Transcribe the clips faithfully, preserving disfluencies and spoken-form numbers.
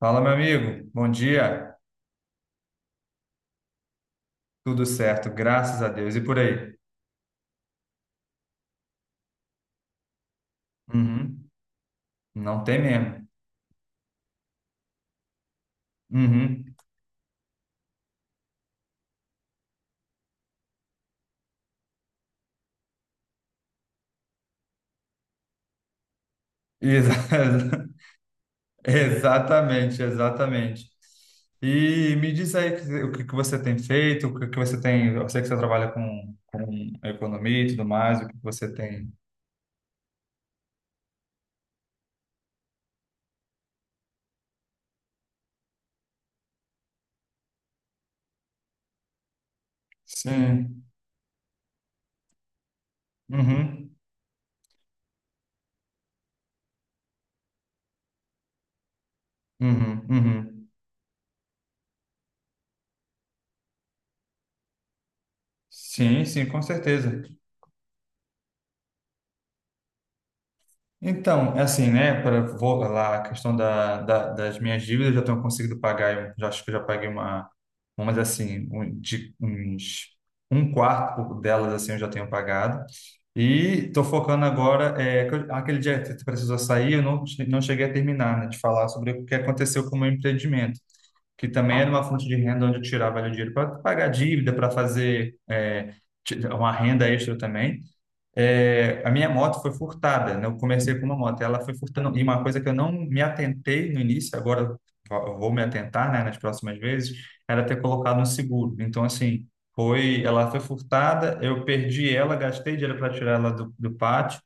Fala, meu amigo. Bom dia. Tudo certo, graças a Deus. E por aí? Uhum. Não tem mesmo. Uhum. Exa- Exatamente, exatamente. E me diz aí que- o que que você tem feito, o que que você tem. Eu sei que você trabalha com, com economia e tudo mais, o que que você tem. Sim. Uhum. Uhum. Uhum. Sim, sim, com certeza. Então, é assim, né? Para lá a questão da, da- das minhas dívidas, eu já tenho conseguido pagar. Eu já acho que eu já paguei uma, umas assim, um, de, uns um quarto delas assim, eu já tenho pagado. E estou focando agora é que eu- aquele dia que tu precisou sair, eu não che- não cheguei a terminar, né, de falar sobre o que aconteceu com o meu empreendimento, que também era uma fonte de renda onde eu tirava ali o dinheiro para pagar dívida, para fazer é, ti- uma renda extra também. É, a minha moto foi furtada, né? Eu comecei com uma moto, ela foi furtando. E uma coisa que eu não me atentei no início, agora eu vou me atentar, né, nas próximas vezes, era ter colocado um seguro. Então, assim, foi, ela foi furtada, eu perdi ela, gastei dinheiro para tirar ela do, do pátio.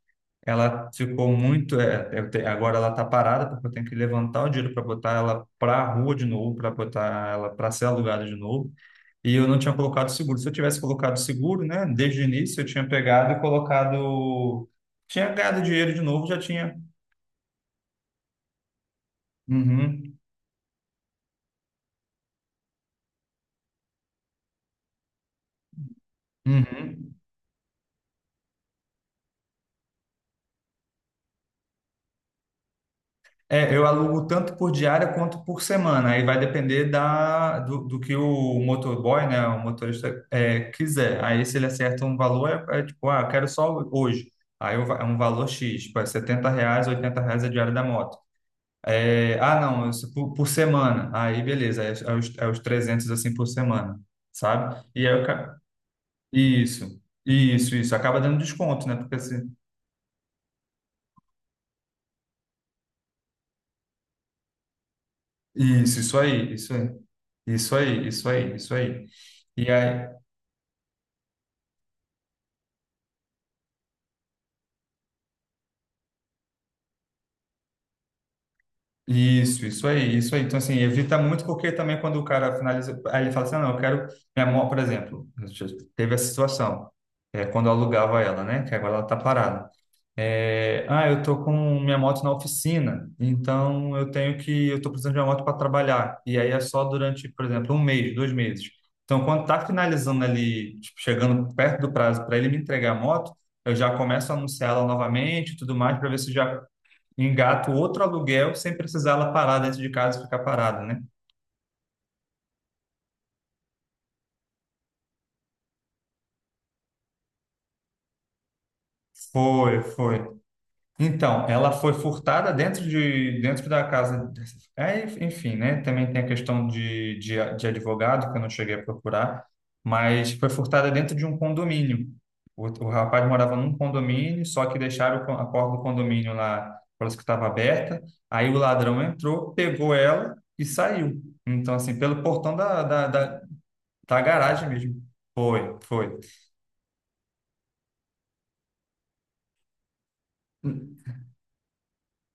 Ela ficou muito. é, eu te- agora ela está parada, porque eu tenho que levantar o dinheiro para botar ela para a rua de novo, para botar ela para ser alugada de novo. E eu não tinha colocado seguro. Se eu tivesse colocado seguro, né, desde o início, eu tinha pegado e colocado. Tinha ganhado dinheiro de novo, já tinha. Uhum, uhum. É, eu alugo tanto por diária quanto por semana. Aí vai depender da, do, do que o motorboy, né, o motorista, é, quiser. Aí se ele acerta um valor, é, é tipo, ah, eu quero só hoje. Aí eu va- é um valor X, tipo, é R$ reais, oitenta reais a diária da moto. É, ah, não, isso por, por semana. Aí, beleza, é, é os, é os trezentos assim por semana, sabe? E aí, eu, ca- isso, isso, isso. Acaba dando desconto, né? Porque assim, isso, isso aí, isso aí, isso aí, isso aí, isso aí. E aí, isso, isso aí, isso aí. Então, assim, evita muito, porque também quando o cara finaliza, aí ele fala assim: "Ah, não, eu quero minha mão, por exemplo, teve essa situação, é, quando eu alugava ela, né? Que agora ela tá parada. É, ah, eu tô com minha moto na oficina, então eu tenho que, eu tô precisando de uma moto para trabalhar. E aí é só durante, por exemplo, um mês, dois meses. Então, quando tá finalizando ali, tipo, chegando perto do prazo para ele me entregar a moto, eu já começo a anunciar ela novamente, e tudo mais, para ver se já engato outro aluguel sem precisar ela parar dentro de casa e ficar parada, né? Foi, foi. Então, ela foi furtada dentro de dentro da casa. É, enfim, né? Também tem a questão de, de, de advogado, que eu não cheguei a procurar, mas foi furtada dentro de um condomínio. O, o rapaz morava num condomínio, só que deixaram o con- a porta do condomínio lá, parece que estava aberta. Aí o ladrão entrou, pegou ela e saiu. Então, assim, pelo portão da, da, da, da garagem mesmo. Foi, foi.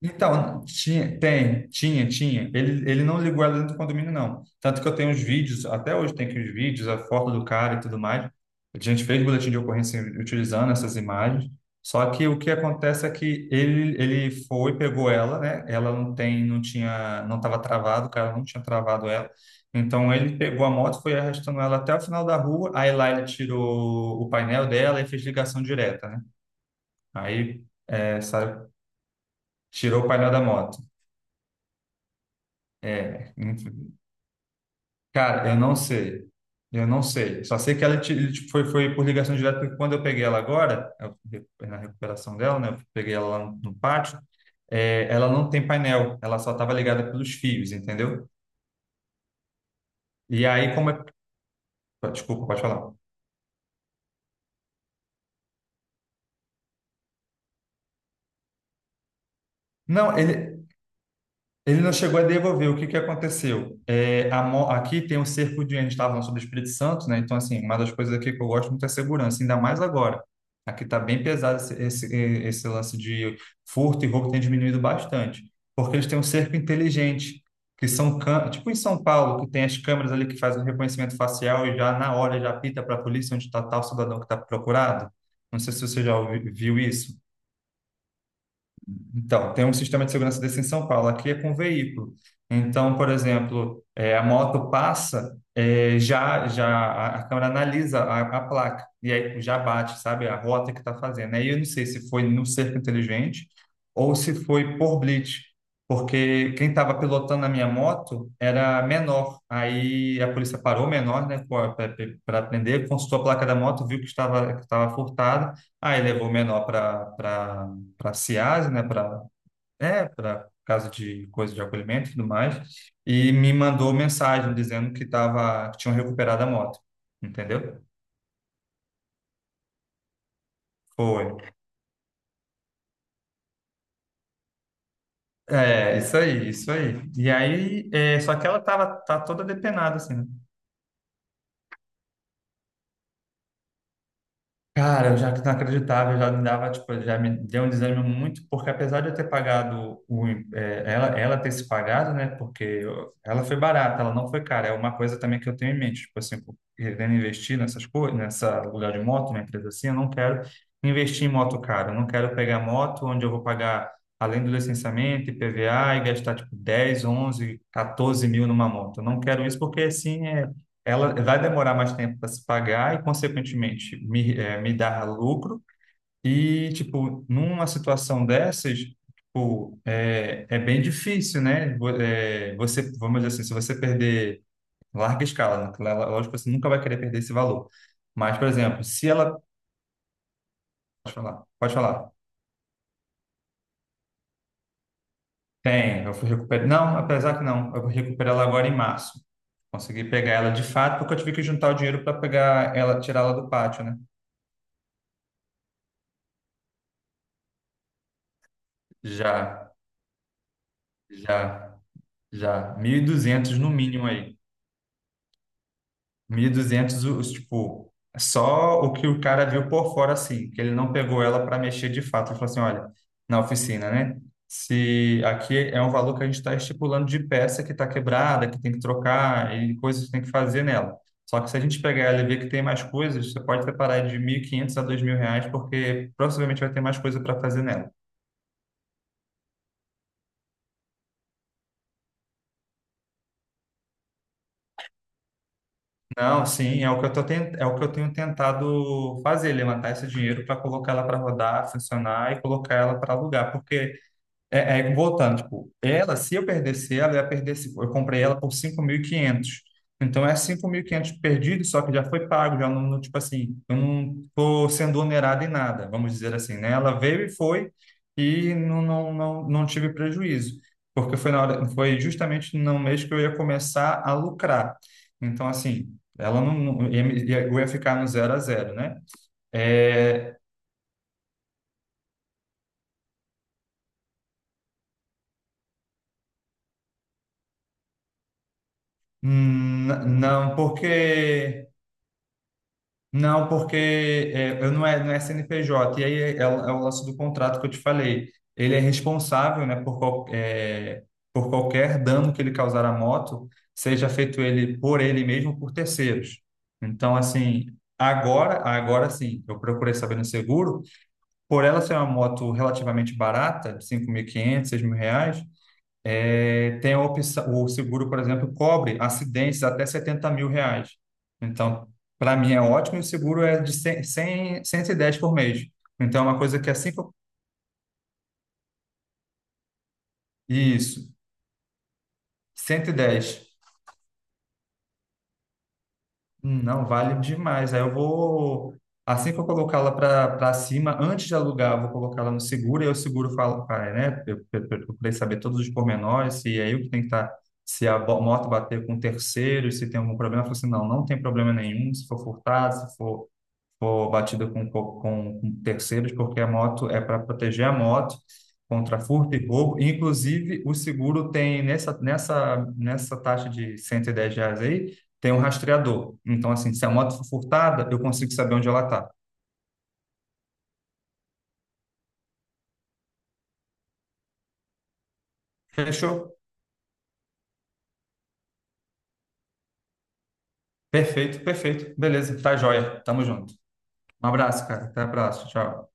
Então, tinha, tem, tinha, tinha. Ele, ele não ligou ela dentro do condomínio, não. Tanto que eu tenho os vídeos, até hoje tem aqui os vídeos, a foto do cara e tudo mais. A gente fez boletim de ocorrência utilizando essas imagens. Só que o que acontece é que ele, ele foi, pegou ela, né? Ela não tem, não tinha, não estava travado, o cara não tinha travado ela. Então ele pegou a moto, foi arrastando ela até o final da rua. Aí lá ele tirou o painel dela e fez ligação direta, né? Aí essa, tirou o painel da moto. É, inf- cara, eu não sei. Eu não sei. Só sei que ela ti- ele, tipo, foi, foi por ligação direta, porque quando eu peguei ela agora, eu- na recuperação dela, né? Eu peguei ela lá no, no pátio, é, ela não tem painel, ela só estava ligada pelos fios, entendeu? E aí, como é. Desculpa, pode falar. Não, ele, Ele não chegou a devolver. O que que aconteceu? É, a mo- aqui tem um cerco de... A gente estava falando sobre o Espírito Santo, né? Então, assim, uma das coisas aqui que eu gosto muito é a segurança, ainda mais agora. Aqui está bem pesado esse, esse, esse lance de furto e roubo tem diminuído bastante, porque eles têm um cerco inteligente, que são... cã- tipo em São Paulo, que tem as câmeras ali que fazem o reconhecimento facial e já na hora já apita para a polícia onde está tal cidadão que está procurado. Não sei se você já ouvi- viu isso. Então, tem um sistema de segurança desse em São Paulo, aqui é com veículo. Então, por exemplo, é, a moto passa, é, já, já a, a câmera analisa a, a placa, e aí já bate, sabe, a rota que está fazendo. Aí eu não sei se foi no cerco inteligente ou se foi por blitz, porque quem estava pilotando a minha moto era menor. Aí a polícia parou o menor, né, para prender, consultou a placa da moto, viu que estava, que estava furtada, aí levou o menor para para CIAS, né, para é, para casa de coisa de acolhimento e tudo mais, e me mandou mensagem dizendo que tava, que tinham recuperado a moto, entendeu? Foi. É, isso aí, isso aí. E aí, é, só que ela tava tá toda depenada assim, né? Cara, eu já não acreditava, eu já me dava, tipo, já me deu um desânimo muito, porque apesar de eu ter pagado o, im- eh, ela, ela, ter se pagado, né? Porque eu- ela foi barata, ela não foi cara. É uma coisa também que eu tenho em mente, tipo assim, pô, querendo investir nessas coisas, nessa lugar de moto, uma empresa assim, eu não quero investir em moto cara. Eu não quero pegar moto onde eu vou pagar, além do licenciamento, I P V A, e gastar tipo dez onze quatorze mil numa moto. Eu não quero isso porque assim é ela vai demorar mais tempo para se pagar e, consequentemente, me, eh, me dar lucro. E, tipo, numa situação dessas, tipo, é, é bem difícil, né? Vo- eh, você, vamos dizer assim, se você perder larga escala, né? Lá- Lógico, você nunca vai querer perder esse valor. Mas, por exemplo, se ela... Pode falar, pode falar. Tem, eu fui recuperar... Não, apesar que não, eu vou recuperar ela agora em março. Consegui pegar ela de fato, porque eu tive que juntar o dinheiro para pegar ela, tirar ela do pátio, né? Já, já. Já, mil e duzentos no mínimo aí. Mil e duzentos os, tipo, só o que o cara viu por fora, assim, que ele não pegou ela para mexer de fato. Ele falou assim, olha, na oficina, né? Se aqui é um valor que a gente está estipulando de peça que está quebrada, que tem que trocar e coisas que tem que fazer nela. Só que se a gente pegar ela e ver que tem mais coisas, você pode separar de mil e quinhentos a dois mil reais, porque provavelmente vai ter mais coisa para fazer nela. Não, sim, é o que eu tô ten- é o que eu tenho tentado fazer, levantar esse dinheiro para colocar ela para rodar, funcionar e colocar ela para alugar, porque é, é, voltando, tipo, ela, se eu perdesse ela, eu ia perder, esse- eu comprei ela por cinco mil e quinhentos. Então é cinco mil e quinhentos perdido, só que já foi pago, já não, não, tipo assim, eu não tô sendo onerado em nada, vamos dizer assim, né? Ela veio e foi e não, não, não, não tive prejuízo, porque foi na hora, foi justamente no mês que eu ia começar a lucrar. Então assim, ela não, não ia, me- ia- eu ia ficar no zero a zero, né? É, hum, não, porque Não, porque é, eu não é, não é C N P J, e aí é, é o é lance do contrato que eu te falei. Ele é responsável, né, por, qual- é, por qualquer dano que ele causar à moto, seja feito ele por ele mesmo ou por terceiros. Então, assim, agora, agora sim, eu procurei saber no seguro, por ela ser uma moto relativamente barata, cinco mil e quinhentos, seis mil reais, é, tem a opção, o seguro, por exemplo, cobre acidentes até setenta mil reais. Então, para mim é ótimo, e o seguro é de cem, cem, cento e dez por mês. Então, é uma coisa que é cinco Isso, cento e dez. Hum, Não, vale demais. Aí eu vou, assim que eu colocá-la para cima, antes de alugar, eu vou colocá-la no seguro, e aí o seguro fala, pai, né? Eu eu- eu procurei saber todos os pormenores, se é eu que tem que estar, se a bo- moto bater com terceiros, se tem algum problema. Eu falei assim, não, não tem problema nenhum, se for furtado, se for for batido com, com, com terceiros, porque a moto é para proteger a moto contra furto e roubo. Inclusive, o seguro tem nessa, nessa, nessa taxa de cento e dez reais aí, tem um rastreador. Então, assim, se a moto for furtada, eu consigo saber onde ela está. Fechou? Perfeito, perfeito. Beleza, tá joia. Tamo junto. Um abraço, cara. Até a próxima. Tchau.